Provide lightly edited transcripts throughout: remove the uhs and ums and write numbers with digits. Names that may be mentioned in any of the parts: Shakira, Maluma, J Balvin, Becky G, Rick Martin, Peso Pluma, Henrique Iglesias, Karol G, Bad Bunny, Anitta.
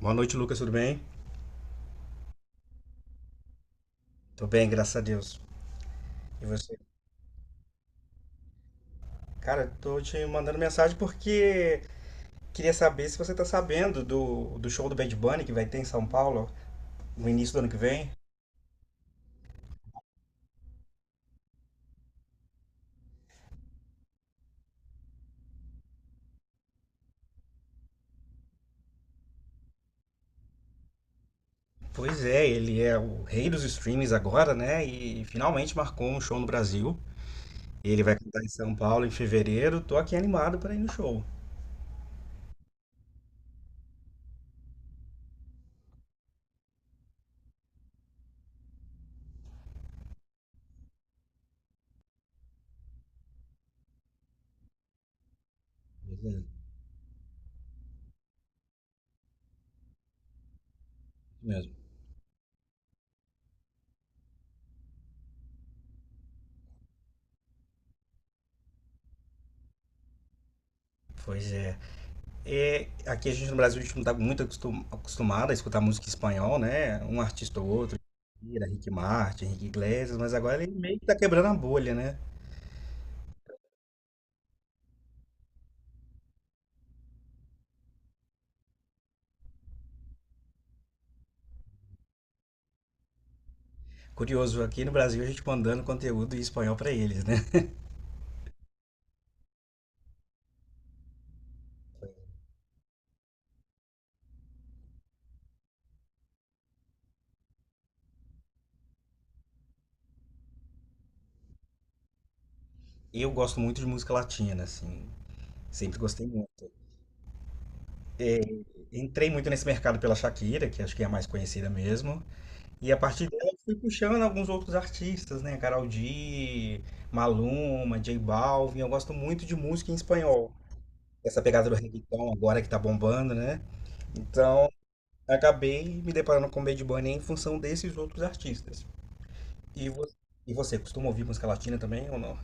Boa noite, Lucas, tudo bem? Tô bem, graças a Deus. E você? Cara, tô te mandando mensagem porque queria saber se você tá sabendo do show do Bad Bunny que vai ter em São Paulo no início do ano que vem. Pois é, ele é o rei dos streams agora, né? E finalmente marcou um show no Brasil. Ele vai cantar em São Paulo em fevereiro. Tô aqui animado para ir no show. Pois é, isso mesmo. Pois é. É, aqui a gente no Brasil a gente não está acostumado a escutar música em espanhol, né? Um artista ou outro, Shakira, Rick Martin, Henrique Iglesias, mas agora ele meio que tá quebrando a bolha, né? Curioso, aqui no Brasil a gente mandando conteúdo em espanhol para eles, né? Eu gosto muito de música latina, assim, sempre gostei muito. É, entrei muito nesse mercado pela Shakira, que acho que é a mais conhecida mesmo, e a partir dela eu fui puxando alguns outros artistas, né? Karol G, Maluma, J Balvin, eu gosto muito de música em espanhol. Essa pegada do reggaeton agora que tá bombando, né? Então, acabei me deparando com o Bad Bunny em função desses outros artistas. E você, e você costuma ouvir música latina também ou não?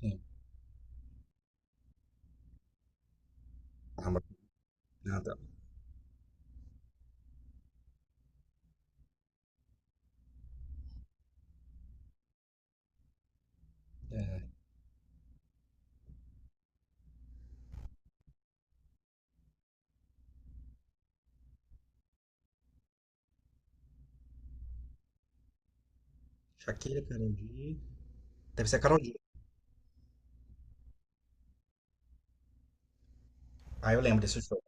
Sim. Ah, mas nada. É, Shakira, Karol G. Deve ser a Karol G. Ah, eu lembro desse show.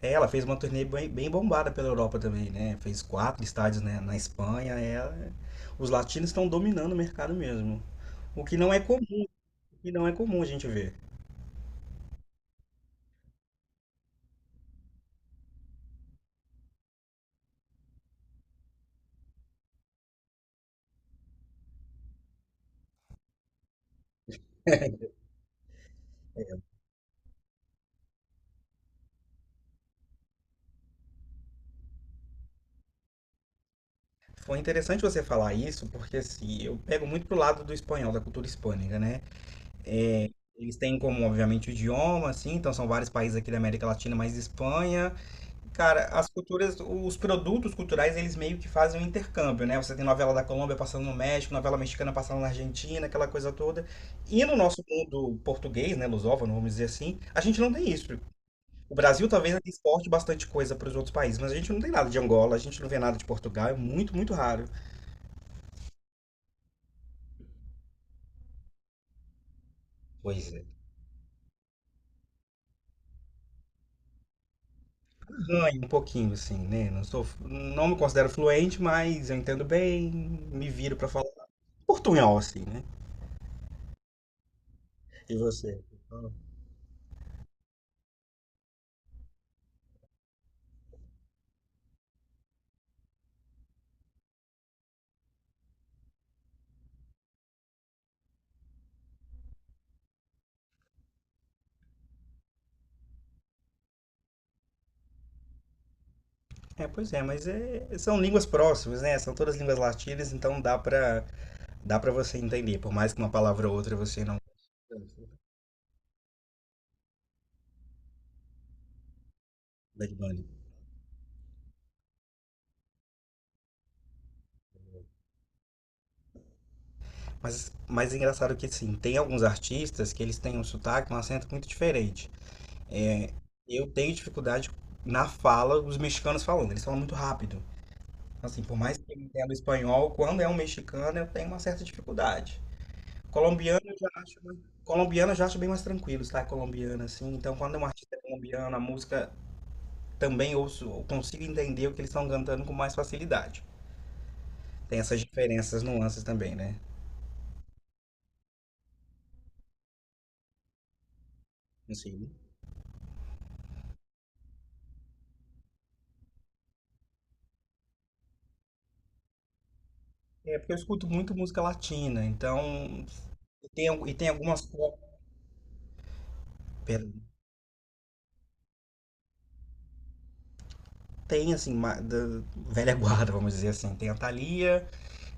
É, ela fez uma turnê bem, bem bombada pela Europa também, né? Fez quatro estádios, né, na Espanha. Ela... Os latinos estão dominando o mercado mesmo. O que não é comum, e não é comum a gente ver. Foi interessante você falar isso, porque assim, eu pego muito pro lado do espanhol, da cultura hispânica, né? É, eles têm como, obviamente, o idioma, assim, então são vários países aqui da América Latina, mas Espanha. Cara, as culturas, os produtos culturais, eles meio que fazem um intercâmbio, né? Você tem novela da Colômbia passando no México, novela mexicana passando na Argentina, aquela coisa toda. E no nosso mundo português, né, lusófono, vamos dizer assim, a gente não tem isso. O Brasil talvez ainda exporte bastante coisa para os outros países, mas a gente não tem nada de Angola, a gente não vê nada de Portugal, é muito, muito raro. Pois é. Ganho um pouquinho, assim, né? Não me considero fluente, mas eu entendo bem, me viro pra falar portunhol, assim, né? E você? É, pois é, mas são línguas próximas, né? São todas línguas latinas, então dá pra você entender, por mais que uma palavra ou outra você não. Bad Bunny. Mas, mais engraçado que, sim tem alguns artistas que eles têm um sotaque, um acento muito diferente. É, eu tenho dificuldade na fala, os mexicanos falando, eles falam muito rápido. Assim, por mais que eu entenda o espanhol, quando é um mexicano eu tenho uma certa dificuldade. Colombiano eu já acho, mais- Colombiano eu já acho bem mais tranquilo, tá? Colombiano, assim. Então, quando é um artista colombiano, a música também ouço, eu consigo entender o que eles estão cantando com mais facilidade. Tem essas diferenças, nuances também, né? Não. É porque eu escuto muito música latina, então. E tem, al- e tem algumas. Co- Pera, da velha guarda, vamos dizer assim. Tem a Thalia.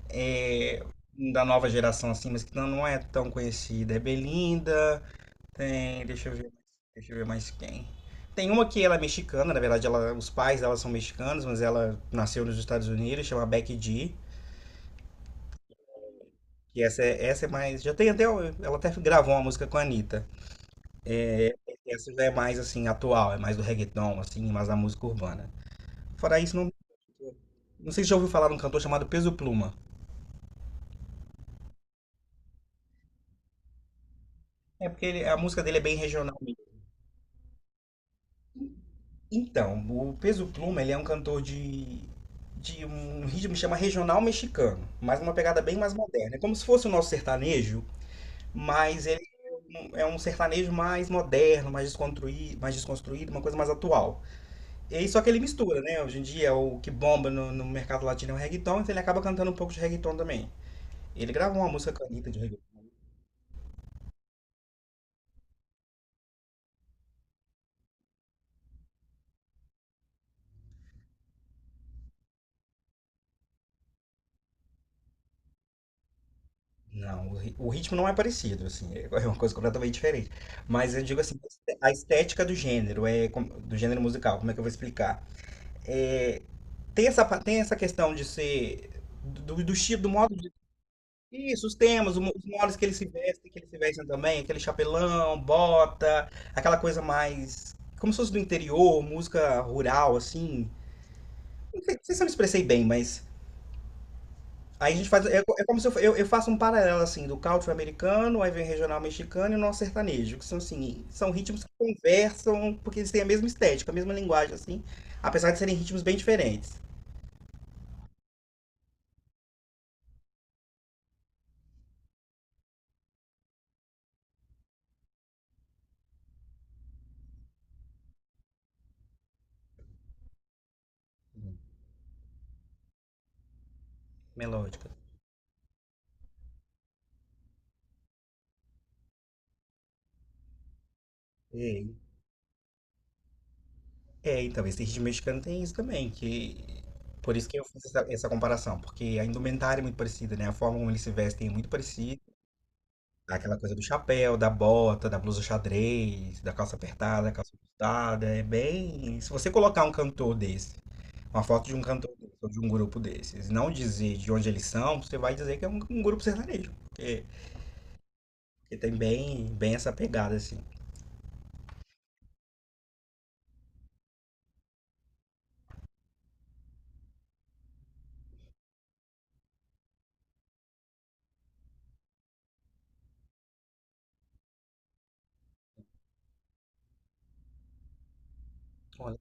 É, da nova geração, assim, mas que não, não é tão conhecida. É Belinda, tem. Deixa eu ver. Deixa eu ver mais quem. Tem uma que ela é mexicana, na verdade, ela, os pais dela são mexicanos, mas ela nasceu nos Estados Unidos, chama Becky G. E essa é mais. Já tem até. Ela até gravou uma música com a Anitta. Essa já é mais assim, atual, é mais do reggaeton, assim, mais da música urbana. Fora isso, não. Não sei se já ouviu falar de um cantor chamado Peso Pluma. É porque a música dele é bem regional. Então, o Peso Pluma, ele é um cantor de um ritmo que chama regional mexicano, mas uma pegada bem mais moderna. É como se fosse o nosso sertanejo, mas ele é um sertanejo mais moderno, mais desconstruído, uma coisa mais atual. E só que ele mistura, né? Hoje em dia o que bomba no mercado latino é o reggaeton, então ele acaba cantando um pouco de reggaeton também. Ele gravou uma música com a Anitta de. Não, o ritmo não é parecido, assim, é uma coisa completamente diferente. Mas eu digo assim, a estética do gênero, do gênero musical, como é que eu vou explicar? É, tem essa questão de ser do estilo, do modo de. Isso, os temas, os modos que eles se vestem também, aquele chapelão, bota, aquela coisa mais. Como se fosse do interior, música rural, assim. Não sei, não sei se eu me expressei bem, mas. Aí a gente faz. É, é como se eu faço um paralelo assim do country americano, aí vem regional mexicano e o nosso sertanejo, que são assim, são ritmos que conversam, porque eles têm a mesma estética, a mesma linguagem, assim, apesar de serem ritmos bem diferentes, melódicas. É, é, então, esse ritmo mexicano tem isso também, que. Por isso que eu fiz essa comparação, porque a indumentária é muito parecida, né? A forma como eles se vestem é muito parecida. Aquela coisa do chapéu, da bota, da blusa xadrez, da calça apertada, da calça ajustada, é bem. Se você colocar um cantor desse. Uma foto de um cantor desse, ou de um grupo desses, e não dizer de onde eles são, você vai dizer que é um grupo sertanejo. Porque, porque tem bem, bem essa pegada, assim. Olha,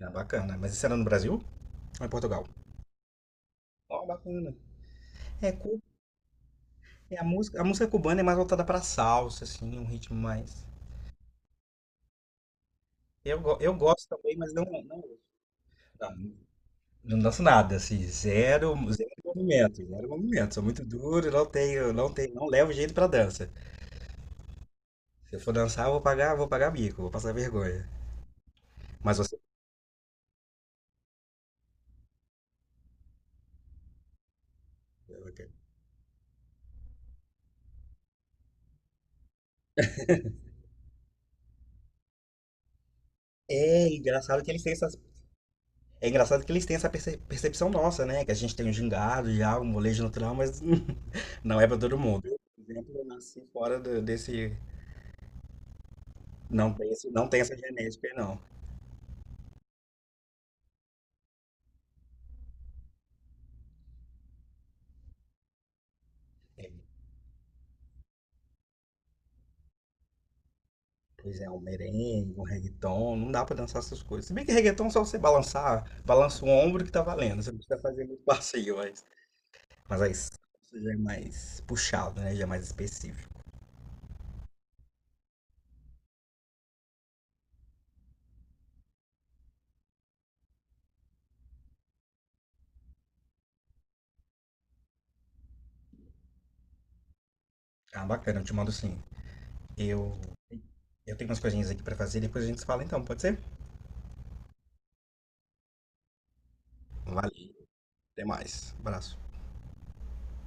é bacana. Mas isso era no Brasil ou em Portugal? Ó, bacana. É, cu- é a música cubana é mais voltada pra salsa, assim, um ritmo mais. Eu gosto também, mas não, não danço nada, assim, zero, zero movimento, zero movimento. Sou muito duro, não tenho, não levo jeito pra dança. Se eu for dançar, vou pagar mico, vou passar vergonha. Mas é engraçado que eles têm essas... É engraçado que eles têm percepção nossa, né? Que a gente tem um gingado já, um molejo natural, mas não é pra todo mundo. Eu, por exemplo, eu nasci desse... Não tem, não tem essa genética, aí, não. É, pois é, um merengue, um reggaeton, não dá pra dançar essas coisas. Se bem que reggaeton é só você balançar, balança o ombro que tá valendo. Você não precisa fazer muito passeio, mas... Mas aí, isso já é mais puxado, né? Já é mais específico. Ah, bacana, eu te mando sim. Eu, eu tenho umas coisinhas aqui pra fazer, depois a gente se fala então, pode ser? Valeu, até mais. Abraço.